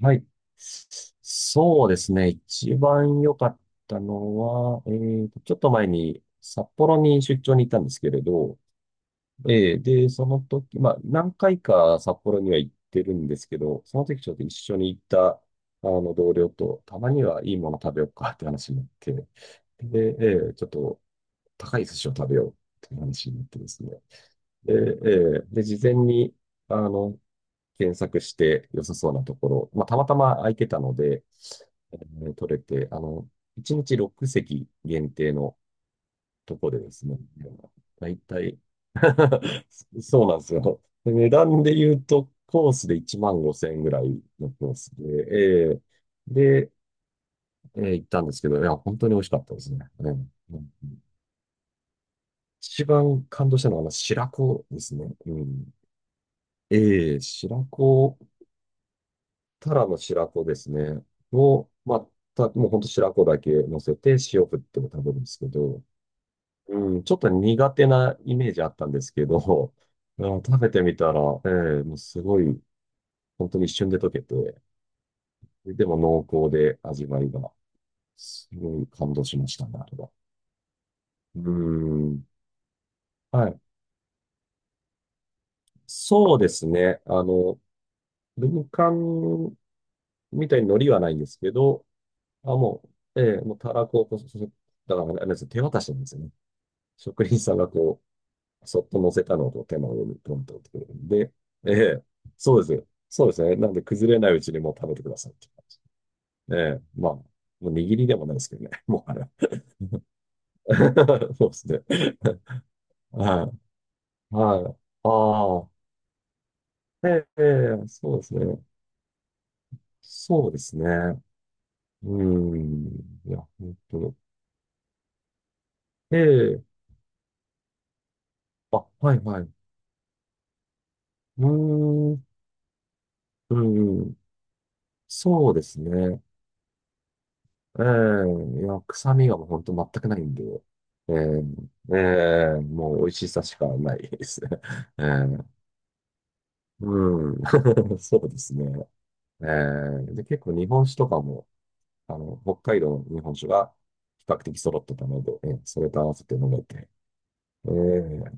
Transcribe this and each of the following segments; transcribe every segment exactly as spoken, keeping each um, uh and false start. はい。そうですね。一番良かったのは、えーと、ちょっと前に札幌に出張に行ったんですけれど、えーで、その時、まあ、何回か札幌には行ってるんですけど、その時ちょっと一緒に行った、あの、同僚と、たまにはいいもの食べようかって話になって、で、えーちょっと高い寿司を食べようって話になってですね。で、えーで、事前に、あの、検索して良さそうなところ、まあ、たまたま空いてたので、ね取れて、あの、いちにちろく席限定のとこでですね、だいたい そうなんですよ。で値段で言うと、コースでいちまんごせん円ぐらいのコースで、えーで、えー行ったんですけど、いや、本当に美味しかったですね。うんうん一番感動したのは、あの白子ですね。うん。ええ、白子、タラの白子ですね。を、まあ、た、もう本当白子だけ乗せて塩振っても食べるんですけど、うん、ちょっと苦手なイメージあったんですけど、あ食べてみたら、ええもうすごい、本当に一瞬で溶けて、でも濃厚で味わいが、すごい感動しましたね、あれは。うーん。はい。そうですね。あの、軍艦みたいに海苔はないんですけど、あ、もう、ええもうたらこをこう、そそだから、あれですね手渡しなんですよね。職人さんがこそっと乗せたのと手の上にトントンってくれるんで、ええ、そうです。そうですね。なんで崩れないうちにもう食べてくださいって感じ。ええ、まあ、もう握りでもないですけどね。もうあれは。そうですね。はい。はい。ああ。ええ、ええそうですね。そうですね。うーん。いや、本当に。ええ、あ、はい、はい。うーん。うん。そうですね。ええ、いや、臭みがもう本当全くないんで、ええ、ええ、もう美味しさしかないですね。ええ、うん、そうですね。ええ、で、結構日本酒とかも、あの、北海道の日本酒が比較的揃ってたので、ええ、それと合わせて飲めて。ええ、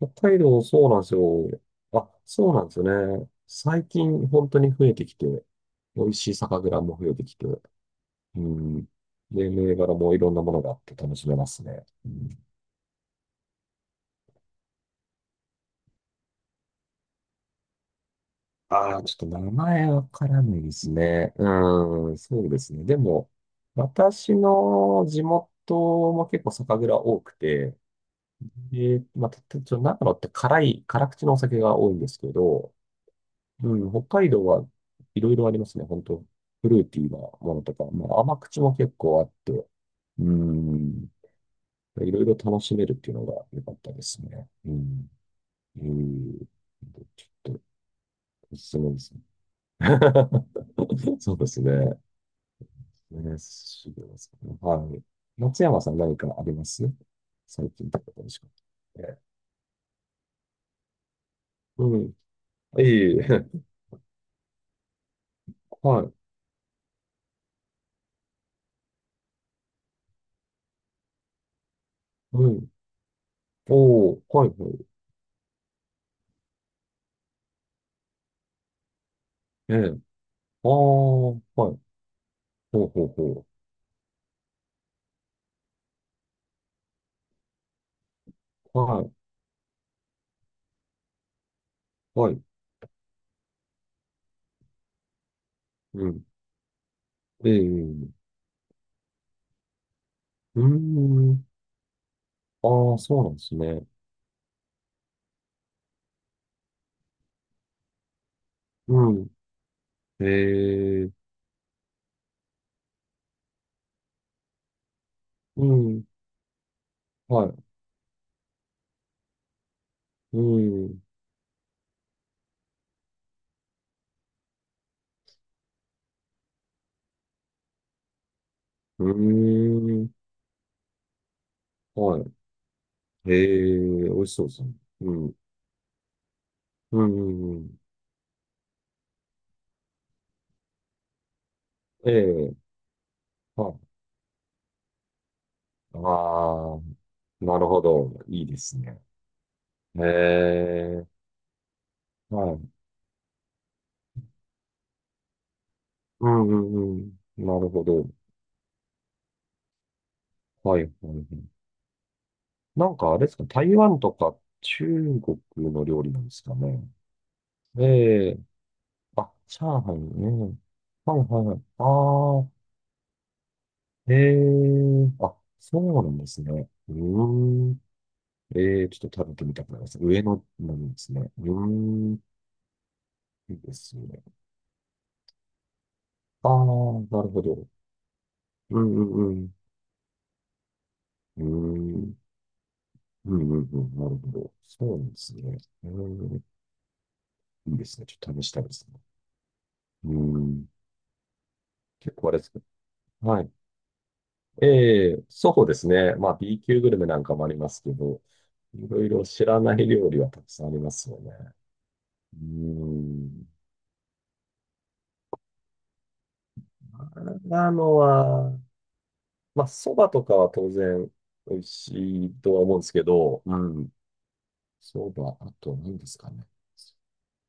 北海道そうなんですよ。あ、そうなんですよね。最近本当に増えてきて、美味しい酒蔵も増えてきて、うん。で、銘柄もいろんなものがあって楽しめますね。うん、ああ、ちょっと名前わからないですね。うん、そうですね。でも、私の地元も結構酒蔵多くて、で、まあ、たたちょ、長野って辛い、辛口のお酒が多いんですけど、うん、北海道はいろいろありますね。本当フルーティーなものとか、まあ、甘口も結構あって、うん、いろいろ楽しめるっていうのが良かったですね。うんうーん。ちょっと、おすすめですね。そうですね。ね、すぐですね。はい。松山さん何かあります最近とか楽しかった。ええうん。いえいえ。はい。うん。おー、はい、はい。ええ。ああ。はい。ほうほうほう。はい、はい。うん。ええ。うーん。あー、そうなんですね。うん。ええ。うん。はい。うん。うーん。はい。ええ美味しそうですね。うん。うん、うんうん。ええはい。ああ、なるほど。いいですね。ええはい。うん、うん、うん。なるほど。はい、はい、はい。なんかあれですか、台湾とか中国の料理なんですかね。ええあ、上海ね。はい、はい、はい。ああ、ええあ、そうなんですね。うーん。ええちょっと食べてみたくなります。上野なんですね。うーん。いいですね。ああ、なるほど。うんうんうん。うーん。うんうんうん。なるほど。そうなんですね。うーん。いいですね。ちょっと試したいですね。うーん。結構あれですね。はい。ええ、そうですね。まあ、B 級グルメなんかもありますけど、いろいろ知らない料理はたくさんありますよね。うーん。長野は、まあ、そばとかは当然美味しいとは思うんですけど、うん。そばあと何ですかね。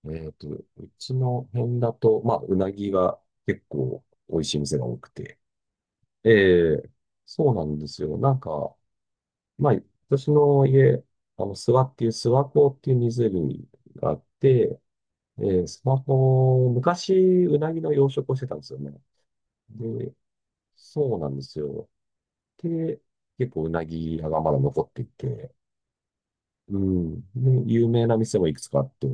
えっと、うちの辺だと、まあ、うなぎが結構美味しい店が多くて。ええ、そうなんですよ。なんか、まあ、私の家、あの、諏訪っていう、諏訪湖っていう湖があって、ええ、諏訪湖、昔、うなぎの養殖をしてたんですよね。で、そうなんですよ。で、結構うなぎ屋がまだ残っていて、うん。で、有名な店もいくつかあって、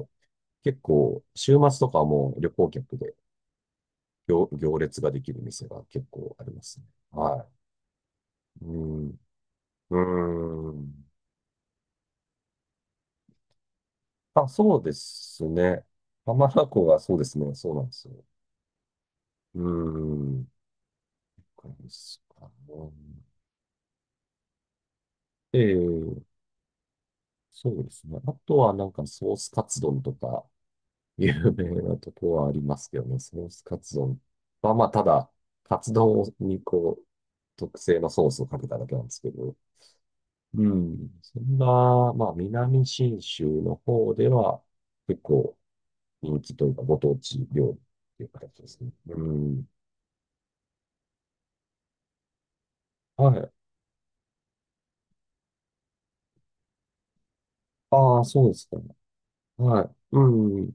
結構、週末とかはもう旅行客で、行、行列ができる店が結構ありますね。はい。うん。うーん。あ、そうですね。浜名湖がそうですね。そうなんですよ。うーん。そうですかねええ、そうですね。あとはなんかソースカツ丼とか、有名なとこはありますけどね。ソースカツ丼は、まあ、ただ、カツ丼にこう、特製のソースをかけただけなんですけど、うん。そんな、まあ、南信州の方では、結構人気というか、ご当地料理っていう形ですね。うん。はい。ああ、そうですか。はい。うん。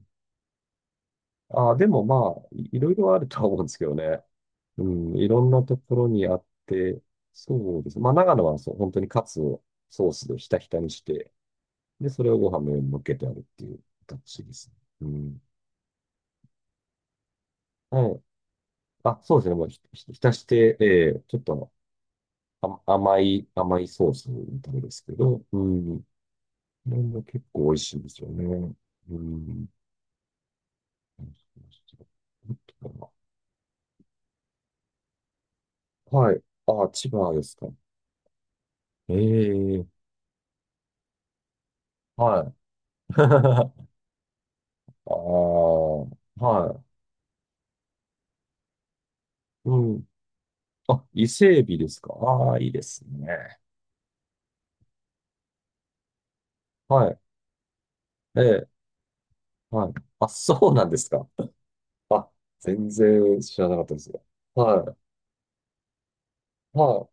ああ、でもまあ、いいろいろあるとは思うんですけどね。うん。いろんなところにあって、そうです。まあ、長野はそう、本当にカツをソースでひたひたにして、で、それをご飯の上に乗っけてあるっていう形ですね。うん。はい。あ、そうですね。もうひ、ひひたして、ええちょっとあ、甘い、甘いソースみたいですけど、うん。これも結構美味しいんですよね。うん。はい。あ、千葉ですか。ええはい。ああ、はい。うん。あ、伊勢海老ですか。ああ、いいですね。はい。ええ、はい。あ、そうなんですか。あ、全然知らなかったですよ。はい。は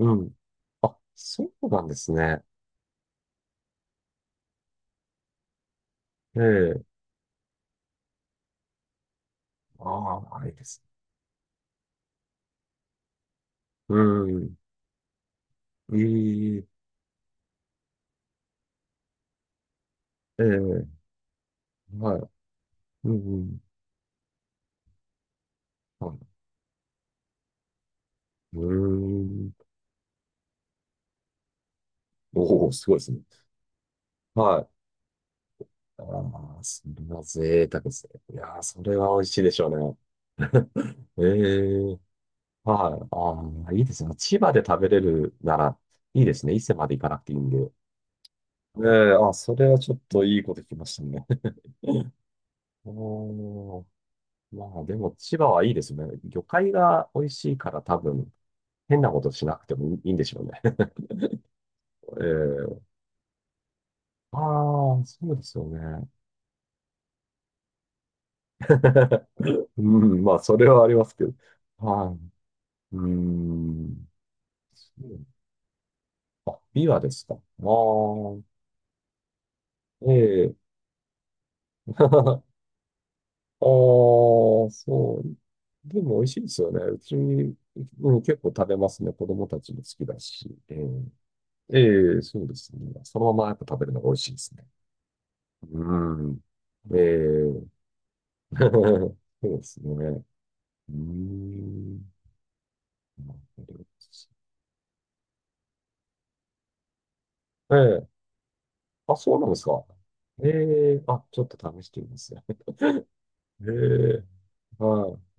い。うん。あ、そうなんですね。ええ、ああ、いいですね。うん。ええええはい。うん、うん。はい。うーん。おお、すごいですね。はい。ああ、それは贅沢ですね。いやー、それは美味しいでしょうね。ええはい。ああ、いいですね。千葉で食べれるなら、いいですね。伊勢まで行かなくていいんで。ええあ、それはちょっといいこと聞きましたね。おー、まあでも千葉はいいですね。魚介が美味しいから多分、変なことしなくてもいいんでしょうね。ええああ、そうですよね。うん、まあ、それはありますけど。はい。うん。そうあ、ビワですか。ああ、ええ ああ、そう。でも美味しいですよね。うち、うん、結構食べますね。子供たちも好きだし。ええええそうですね。そのままやっぱ食べるのが美味しいですね。うん。ええ そうですね。うん。なるほどええあ、そうなんですか。ええあ、ちょっと試してみます。ええはい。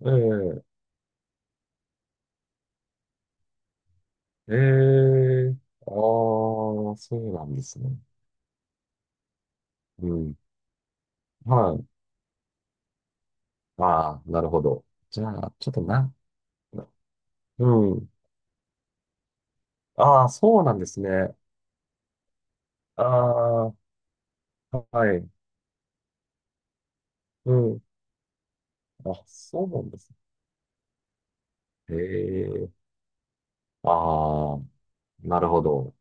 ええええああそうなんですね。うん。はい。ああ、なるほど。じゃあ、ちょっとな、なうん。ああ、そうなんですね。ああ、はい。うん。あ、そうなんですね。ええああ、なるほど。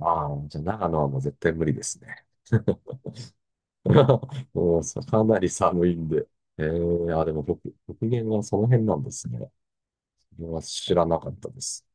ああ、じゃあ、長野はもう絶対無理ですね。もうん、かなり寒いんで。えー、あ、でも北、北限はその辺なんですね。僕は知らなかったです。